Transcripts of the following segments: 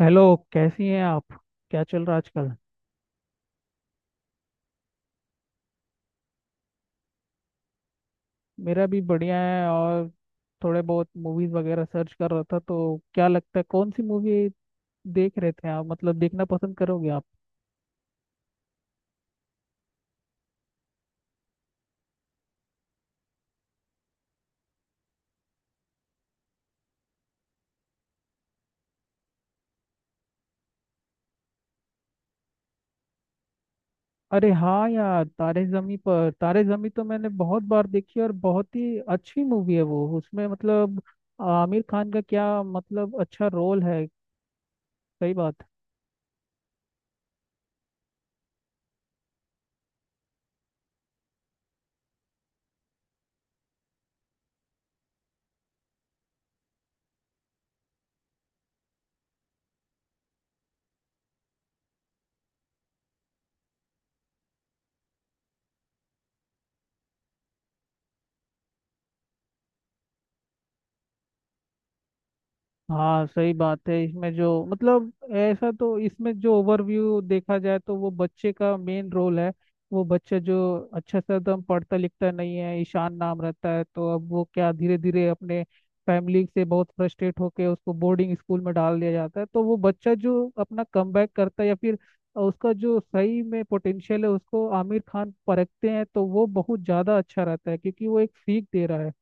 Hello. कैसी हैं आप? क्या चल रहा है आजकल? मेरा भी बढ़िया है। और थोड़े बहुत मूवीज वगैरह सर्च कर रहा था, तो क्या लगता है कौन सी मूवी देख रहे थे आप, मतलब देखना पसंद करोगे आप? अरे हाँ यार, तारे जमी पर। तारे जमी तो मैंने बहुत बार देखी और बहुत ही अच्छी मूवी है वो। उसमें मतलब आमिर खान का क्या मतलब अच्छा रोल है। सही बात। हाँ सही बात है। इसमें जो मतलब ऐसा तो इसमें जो ओवरव्यू देखा जाए तो वो बच्चे का मेन रोल है। वो बच्चा जो अच्छा से एकदम पढ़ता लिखता नहीं है, ईशान नाम रहता है, तो अब वो क्या धीरे धीरे अपने फैमिली से बहुत फ्रस्ट्रेट होके उसको बोर्डिंग स्कूल में डाल दिया जाता है। तो वो बच्चा जो अपना कमबैक करता है या फिर उसका जो सही में पोटेंशियल है उसको आमिर खान परखते हैं, तो वो बहुत ज़्यादा अच्छा रहता है क्योंकि वो एक सीख दे रहा है।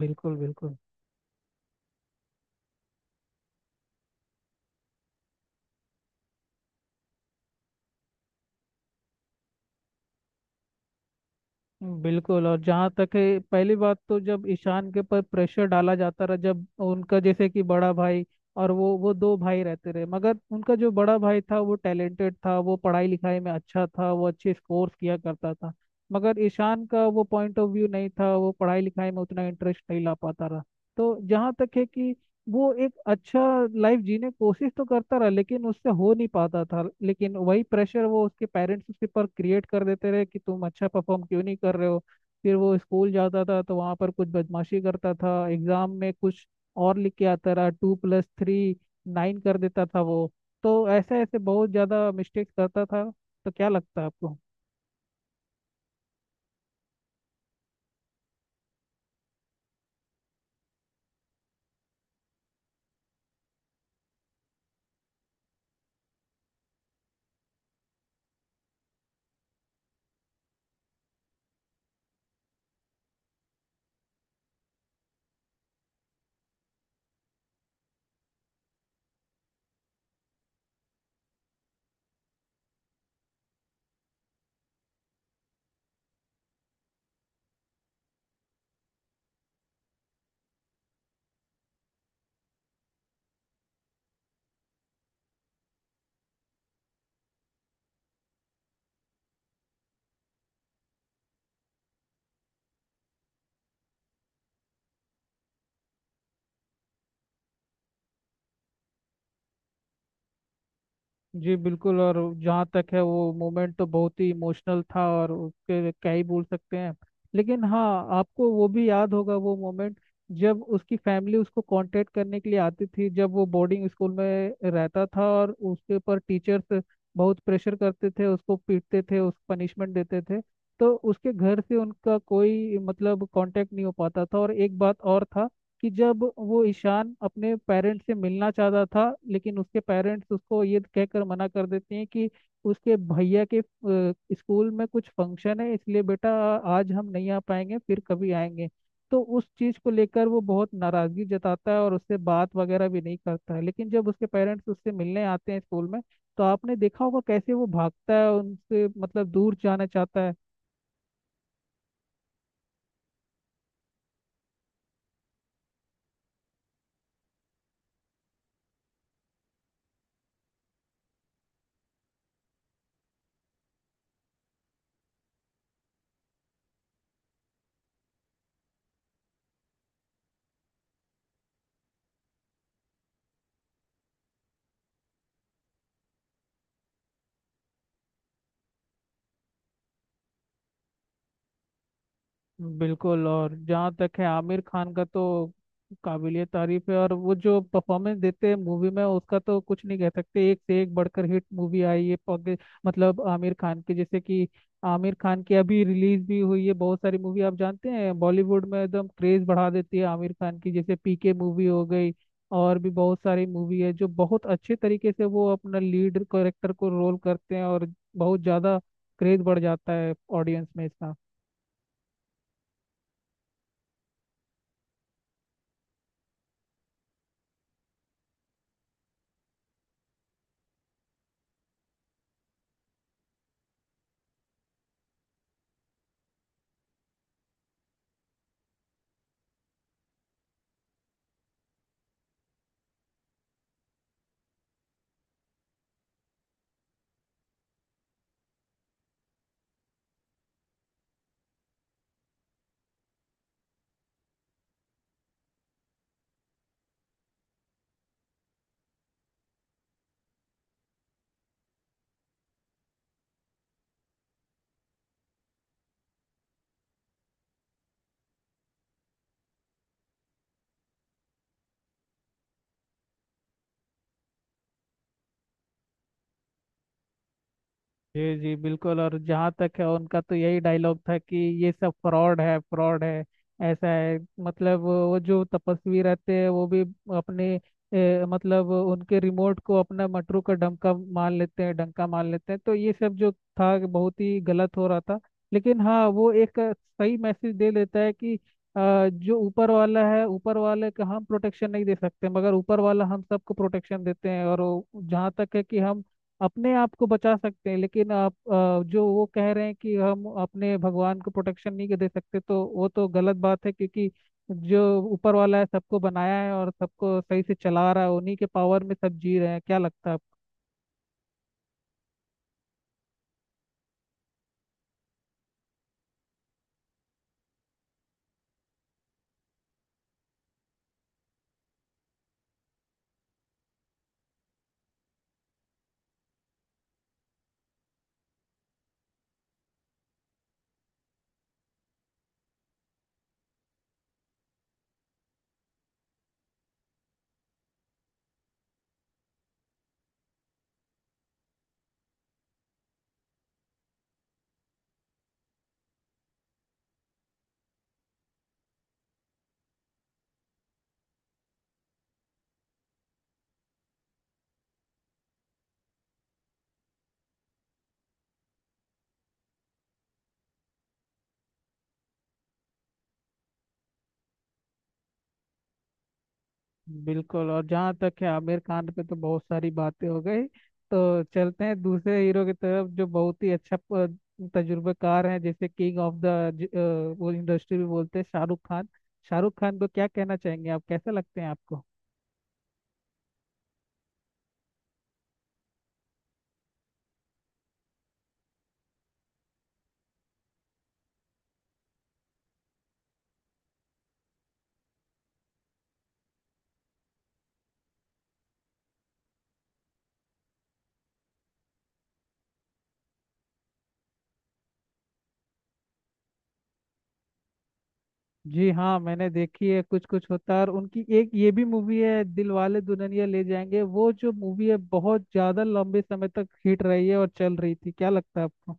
बिल्कुल बिल्कुल। बिल्कुल। और जहाँ तक है, पहली बात तो जब ईशान के ऊपर प्रेशर डाला जाता रहा, जब उनका जैसे कि बड़ा भाई, और वो दो भाई रहते रहे, मगर उनका जो बड़ा भाई था वो टैलेंटेड था, वो पढ़ाई लिखाई में अच्छा था, वो अच्छे स्कोर्स किया करता था। मगर ईशान का वो पॉइंट ऑफ व्यू नहीं था, वो पढ़ाई लिखाई में उतना इंटरेस्ट नहीं ला पाता रहा। तो जहाँ तक है कि वो एक अच्छा लाइफ जीने की कोशिश तो करता रहा, लेकिन उससे हो नहीं पाता था। लेकिन वही प्रेशर वो उसके पेरेंट्स उसके पर क्रिएट कर देते रहे कि तुम अच्छा परफॉर्म क्यों नहीं कर रहे हो। फिर वो स्कूल जाता था तो वहाँ पर कुछ बदमाशी करता था, एग्जाम में कुछ और लिख के आता रहा। टू प्लस थ्री नाइन कर देता था वो। तो ऐसे ऐसे बहुत ज़्यादा मिस्टेक्स करता था। तो क्या लगता है आपको? जी बिल्कुल। और जहाँ तक है वो मोमेंट तो बहुत ही इमोशनल था और उसके क्या ही बोल सकते हैं। लेकिन हाँ, आपको वो भी याद होगा वो मोमेंट जब उसकी फैमिली उसको कांटेक्ट करने के लिए आती थी, जब वो बोर्डिंग स्कूल में रहता था और उसके ऊपर टीचर्स बहुत प्रेशर करते थे, उसको पीटते थे, उसको पनिशमेंट देते थे। तो उसके घर से उनका कोई मतलब कांटेक्ट नहीं हो पाता था। और एक बात और था कि जब वो ईशान अपने पेरेंट्स से मिलना चाहता था, लेकिन उसके पेरेंट्स उसको ये कहकर मना कर देते हैं कि उसके भैया के स्कूल में कुछ फंक्शन है, इसलिए बेटा आज हम नहीं आ पाएंगे, फिर कभी आएंगे। तो उस चीज़ को लेकर वो बहुत नाराज़गी जताता है और उससे बात वगैरह भी नहीं करता है। लेकिन जब उसके पेरेंट्स उससे मिलने आते हैं स्कूल में, तो आपने देखा होगा कैसे वो भागता है उनसे, मतलब दूर जाना चाहता है। बिल्कुल। और जहाँ तक है आमिर खान का, तो काबिलियत तारीफ है और वो जो परफॉर्मेंस देते हैं मूवी में उसका तो कुछ नहीं कह सकते। एक से एक बढ़कर हिट मूवी आई है। मतलब आमिर खान की जैसे कि, आमिर खान की अभी रिलीज भी हुई है बहुत सारी मूवी, आप जानते हैं, बॉलीवुड में एकदम क्रेज बढ़ा देती है आमिर खान की। जैसे पीके मूवी हो गई, और भी बहुत सारी मूवी है जो बहुत अच्छे तरीके से वो अपना लीड कैरेक्टर को रोल करते हैं, और बहुत ज़्यादा क्रेज बढ़ जाता है ऑडियंस में इसका। जी जी बिल्कुल। और जहाँ तक है, उनका तो यही डायलॉग था कि ये सब फ्रॉड है, फ्रॉड है। ऐसा है मतलब वो जो तपस्वी रहते हैं वो भी अपने मतलब उनके रिमोट को अपना मटरू का डंका मान लेते हैं, डंका मान लेते हैं। तो ये सब जो था बहुत ही गलत हो रहा था। लेकिन हाँ, वो एक सही मैसेज दे देता है कि जो ऊपर वाला है, ऊपर वाले का हम प्रोटेक्शन नहीं दे सकते, मगर ऊपर वाला हम सबको प्रोटेक्शन देते हैं। और जहाँ तक है कि हम अपने आप को बचा सकते हैं, लेकिन आप जो वो कह रहे हैं कि हम अपने भगवान को प्रोटेक्शन नहीं दे सकते, तो वो तो गलत बात है क्योंकि जो ऊपर वाला है सबको बनाया है और सबको सही से चला रहा है, उन्हीं के पावर में सब जी रहे हैं। क्या लगता है आपको? बिल्कुल। और जहाँ तक है आमिर खान पे तो बहुत सारी बातें हो गई। तो चलते हैं दूसरे हीरो की तरफ जो बहुत ही अच्छा तजुर्बेकार है, जैसे किंग ऑफ द वो इंडस्ट्री भी बोलते हैं, शाहरुख खान। शाहरुख खान को क्या कहना चाहेंगे आप? कैसे लगते हैं आपको? जी हाँ, मैंने देखी है कुछ कुछ होता है। और उनकी एक ये भी मूवी है दिलवाले दुल्हनिया ले जाएंगे, वो जो मूवी है बहुत ज्यादा लंबे समय तक हिट रही है और चल रही थी। क्या लगता है आपको?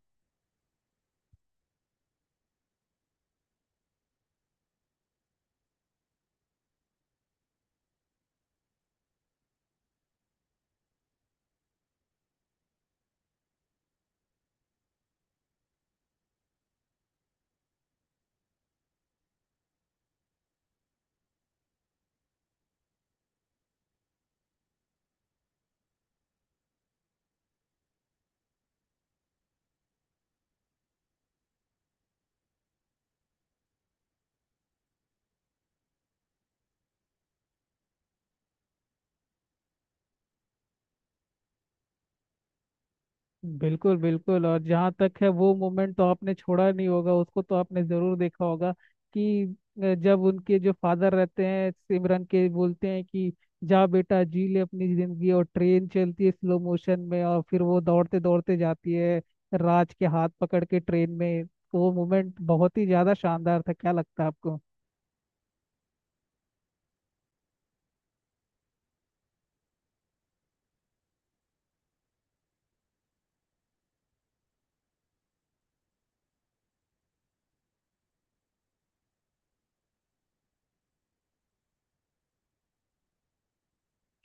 बिल्कुल बिल्कुल। और जहाँ तक है वो मोमेंट तो आपने छोड़ा नहीं होगा उसको, तो आपने जरूर देखा होगा कि जब उनके जो फादर रहते हैं सिमरन के, बोलते हैं कि जा बेटा जी ले अपनी जिंदगी, और ट्रेन चलती है स्लो मोशन में और फिर वो दौड़ते दौड़ते जाती है राज के हाथ पकड़ के ट्रेन में, तो वो मोमेंट बहुत ही ज्यादा शानदार था। क्या लगता है आपको?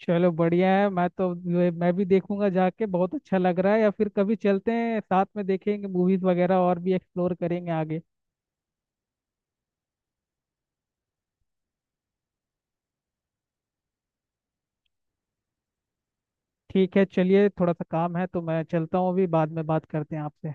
चलो बढ़िया है। मैं तो, मैं भी देखूंगा जाके, बहुत अच्छा लग रहा है। या फिर कभी चलते हैं साथ में, देखेंगे मूवीज वगैरह और भी, एक्सप्लोर करेंगे आगे। ठीक है चलिए, थोड़ा सा काम है तो मैं चलता हूँ अभी, बाद में बात करते हैं आपसे।